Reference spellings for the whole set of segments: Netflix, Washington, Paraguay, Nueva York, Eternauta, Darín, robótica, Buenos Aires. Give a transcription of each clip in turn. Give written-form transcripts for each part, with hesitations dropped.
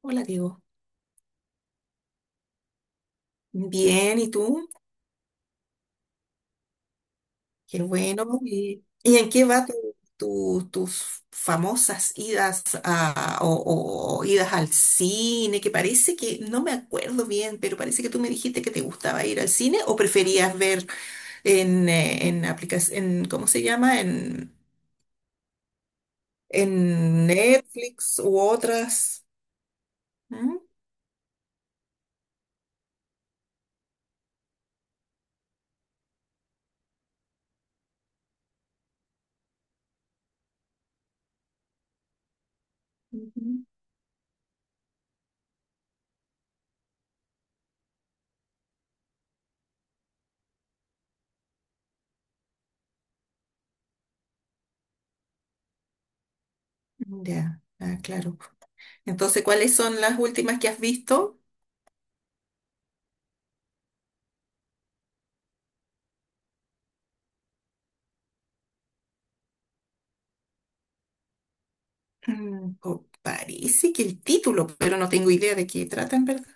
Hola, Diego. Bien, ¿y tú? Qué bueno. ¿Y en qué va tus famosas idas o idas al cine? Que parece que, no me acuerdo bien, pero parece que tú me dijiste que te gustaba ir al cine o preferías ver en aplicación, ¿cómo se llama? En Netflix u otras. ¿Mm? Ujú. Ya, ah, claro. Entonces, ¿cuáles son las últimas que has visto? Parece que el título, pero no tengo idea de qué trata en verdad.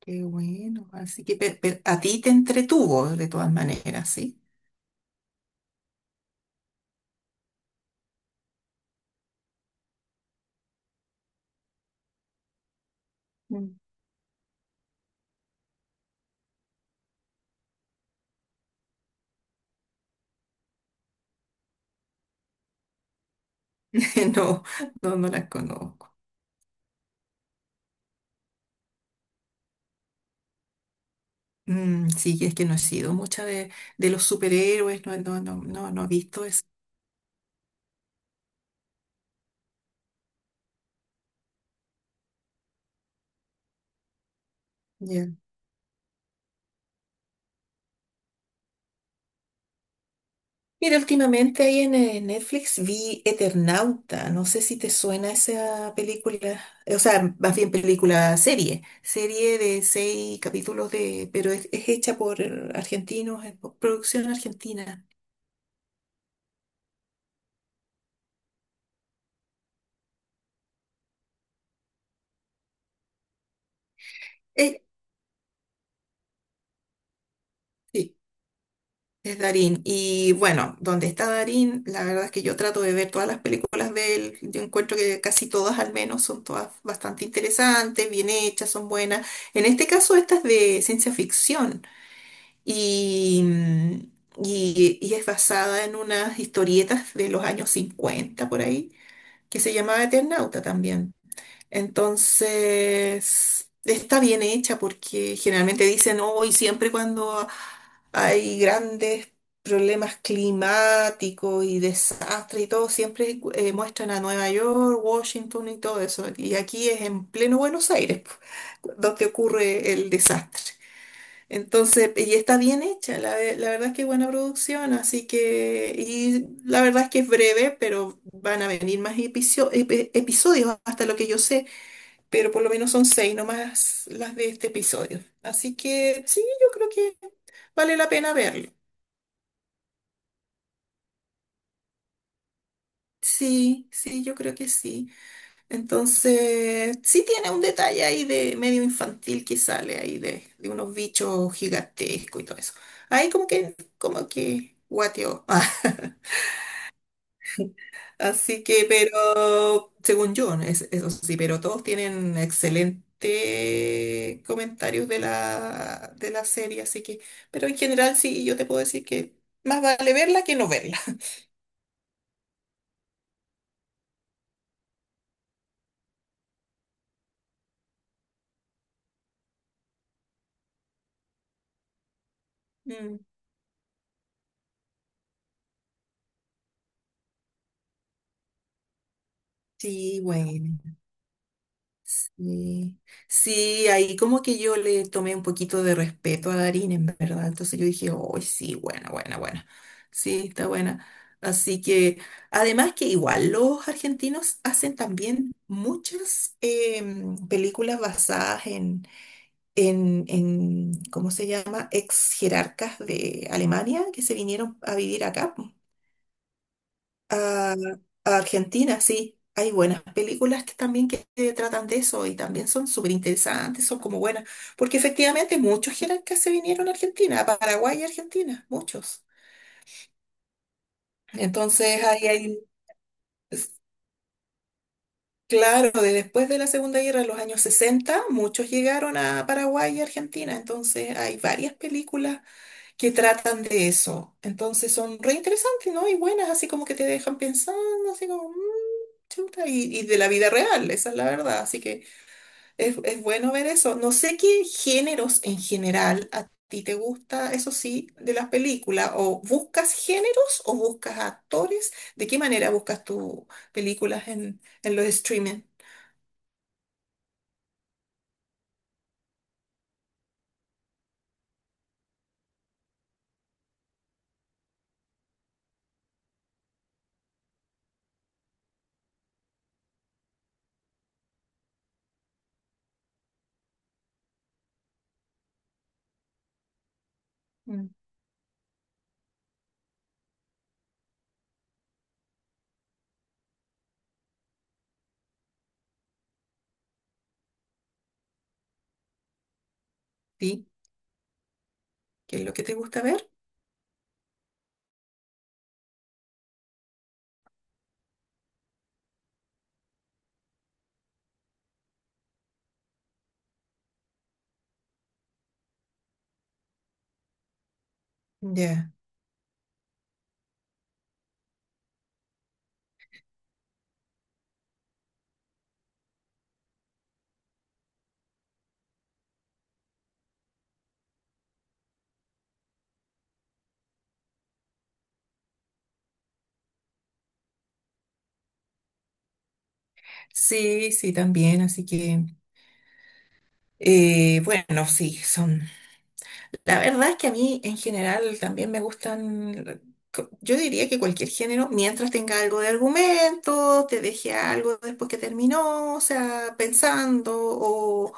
Qué bueno, así que a ti te entretuvo de todas maneras, ¿sí? Mm. No, no, no las conozco. Mm, sí, es que no he sido mucha de los superhéroes, no, no, no, no, no he visto eso. Mira, últimamente ahí en Netflix vi Eternauta, no sé si te suena esa película, o sea, más bien película serie de seis capítulos de, pero es hecha por argentinos, es por producción argentina. Eh, sí, es Darín. Y bueno, donde está Darín, la verdad es que yo trato de ver todas las películas de él, yo encuentro que casi todas al menos son todas bastante interesantes, bien hechas, son buenas. En este caso, esta es de ciencia ficción. y, mm, y es basada en unas historietas de los años 50 por ahí, que se llamaba Eternauta también. Entonces, está bien hecha porque generalmente dicen, hoy siempre cuando hay grandes problemas climáticos y desastres y todo, siempre muestran a Nueva York, Washington y todo eso. Y aquí es en pleno Buenos Aires, donde ocurre el desastre. Entonces, y está bien hecha, la verdad es que es buena producción, así que, y la verdad es que es breve, pero van a venir más episodios, hasta lo que yo sé, pero por lo menos son seis nomás las de este episodio. Así que sí, yo creo que vale la pena verlo. Sí, sí, yo creo que sí. Entonces, sí tiene un detalle ahí de medio infantil que sale ahí de unos bichos gigantescos y todo eso. Ahí como que, guateo. Así que, pero, según yo, eso sí, pero todos tienen excelentes comentarios de la serie, así que, pero en general sí, yo te puedo decir que más vale verla que no verla. Mm. Sí, bueno. Sí, sí, ahí como que yo le tomé un poquito de respeto a Darín, en verdad. Entonces yo dije, oh, sí, buena, buena, buena. Sí, está buena. Así que, además que igual los argentinos hacen también muchas películas basadas ¿cómo se llama? Ex jerarcas de Alemania que se vinieron a vivir acá. A, a Argentina, sí. Hay buenas películas que también que tratan de eso y también son súper interesantes, son como buenas, porque efectivamente muchos jerarcas se vinieron a Argentina, a Paraguay y Argentina, muchos. Entonces, es- claro, de después de la Segunda Guerra, en los años 60 muchos llegaron a Paraguay y Argentina, entonces hay varias películas que tratan de eso. Entonces son re interesantes, ¿no? Y buenas, así como que te dejan pensando, así como, "Mm, chuta", y de la vida real, esa es la verdad. Así que es bueno ver eso. No sé qué géneros en general a ti te gusta, eso sí, de las películas, o buscas géneros o buscas actores. ¿De qué manera buscas tus películas en los streaming? Mm. ¿Sí? ¿Qué es lo que te gusta ver? Ya. Sí, sí, también, así que, bueno, sí, son la verdad es que a mí en general también me gustan, yo diría que cualquier género, mientras tenga algo de argumento, te deje algo después que terminó, o sea, pensando, o,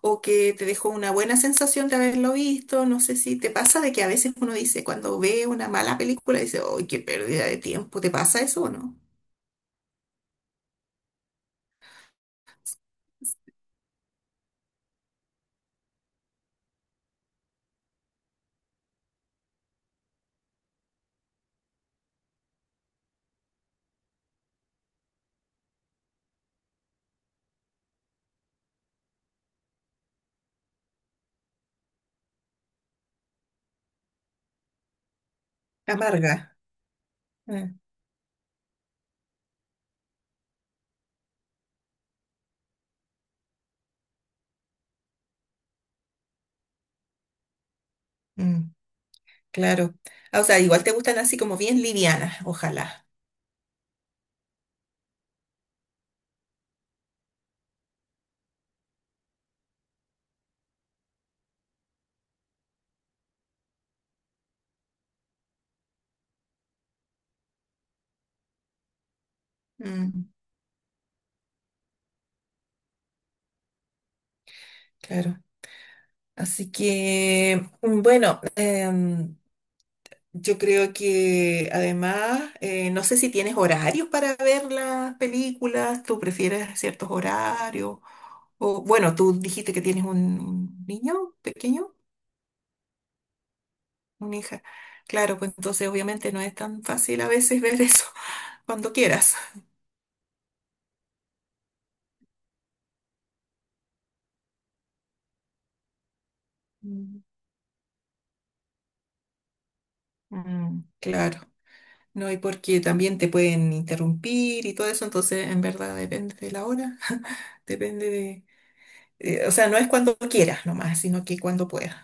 o que te dejó una buena sensación de haberlo visto. No sé si te pasa de que a veces uno dice, cuando ve una mala película, dice, ¡ay, qué pérdida de tiempo! ¿Te pasa eso o no? Amarga. Eh, mm, claro. Ah, o sea, igual te gustan así como bien livianas, ojalá. Mm, claro. Así que, bueno, yo creo que además, no sé si tienes horarios para ver las películas, tú prefieres ciertos horarios, o bueno, tú dijiste que tienes un niño pequeño, una hija. Claro, pues entonces obviamente no es tan fácil a veces ver eso cuando quieras. Mm. Mm, claro, no, y porque también te pueden interrumpir y todo eso, entonces en verdad depende de la hora, depende o sea, no es cuando quieras nomás, sino que cuando puedas.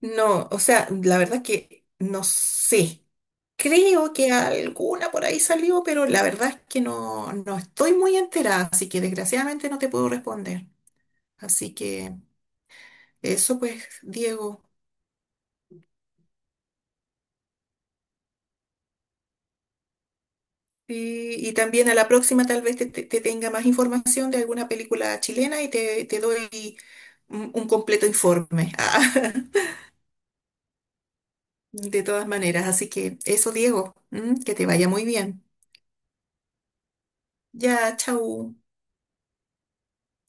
No, o sea, la verdad que no sé. Creo que alguna por ahí salió, pero la verdad es que no, no estoy muy enterada, así que desgraciadamente no te puedo responder. Así que eso pues, Diego. Y también a la próxima tal vez te tenga más información de alguna película chilena y te doy un completo informe. De todas maneras, así que eso, Diego, ¿m? Que te vaya muy bien. Ya, chau.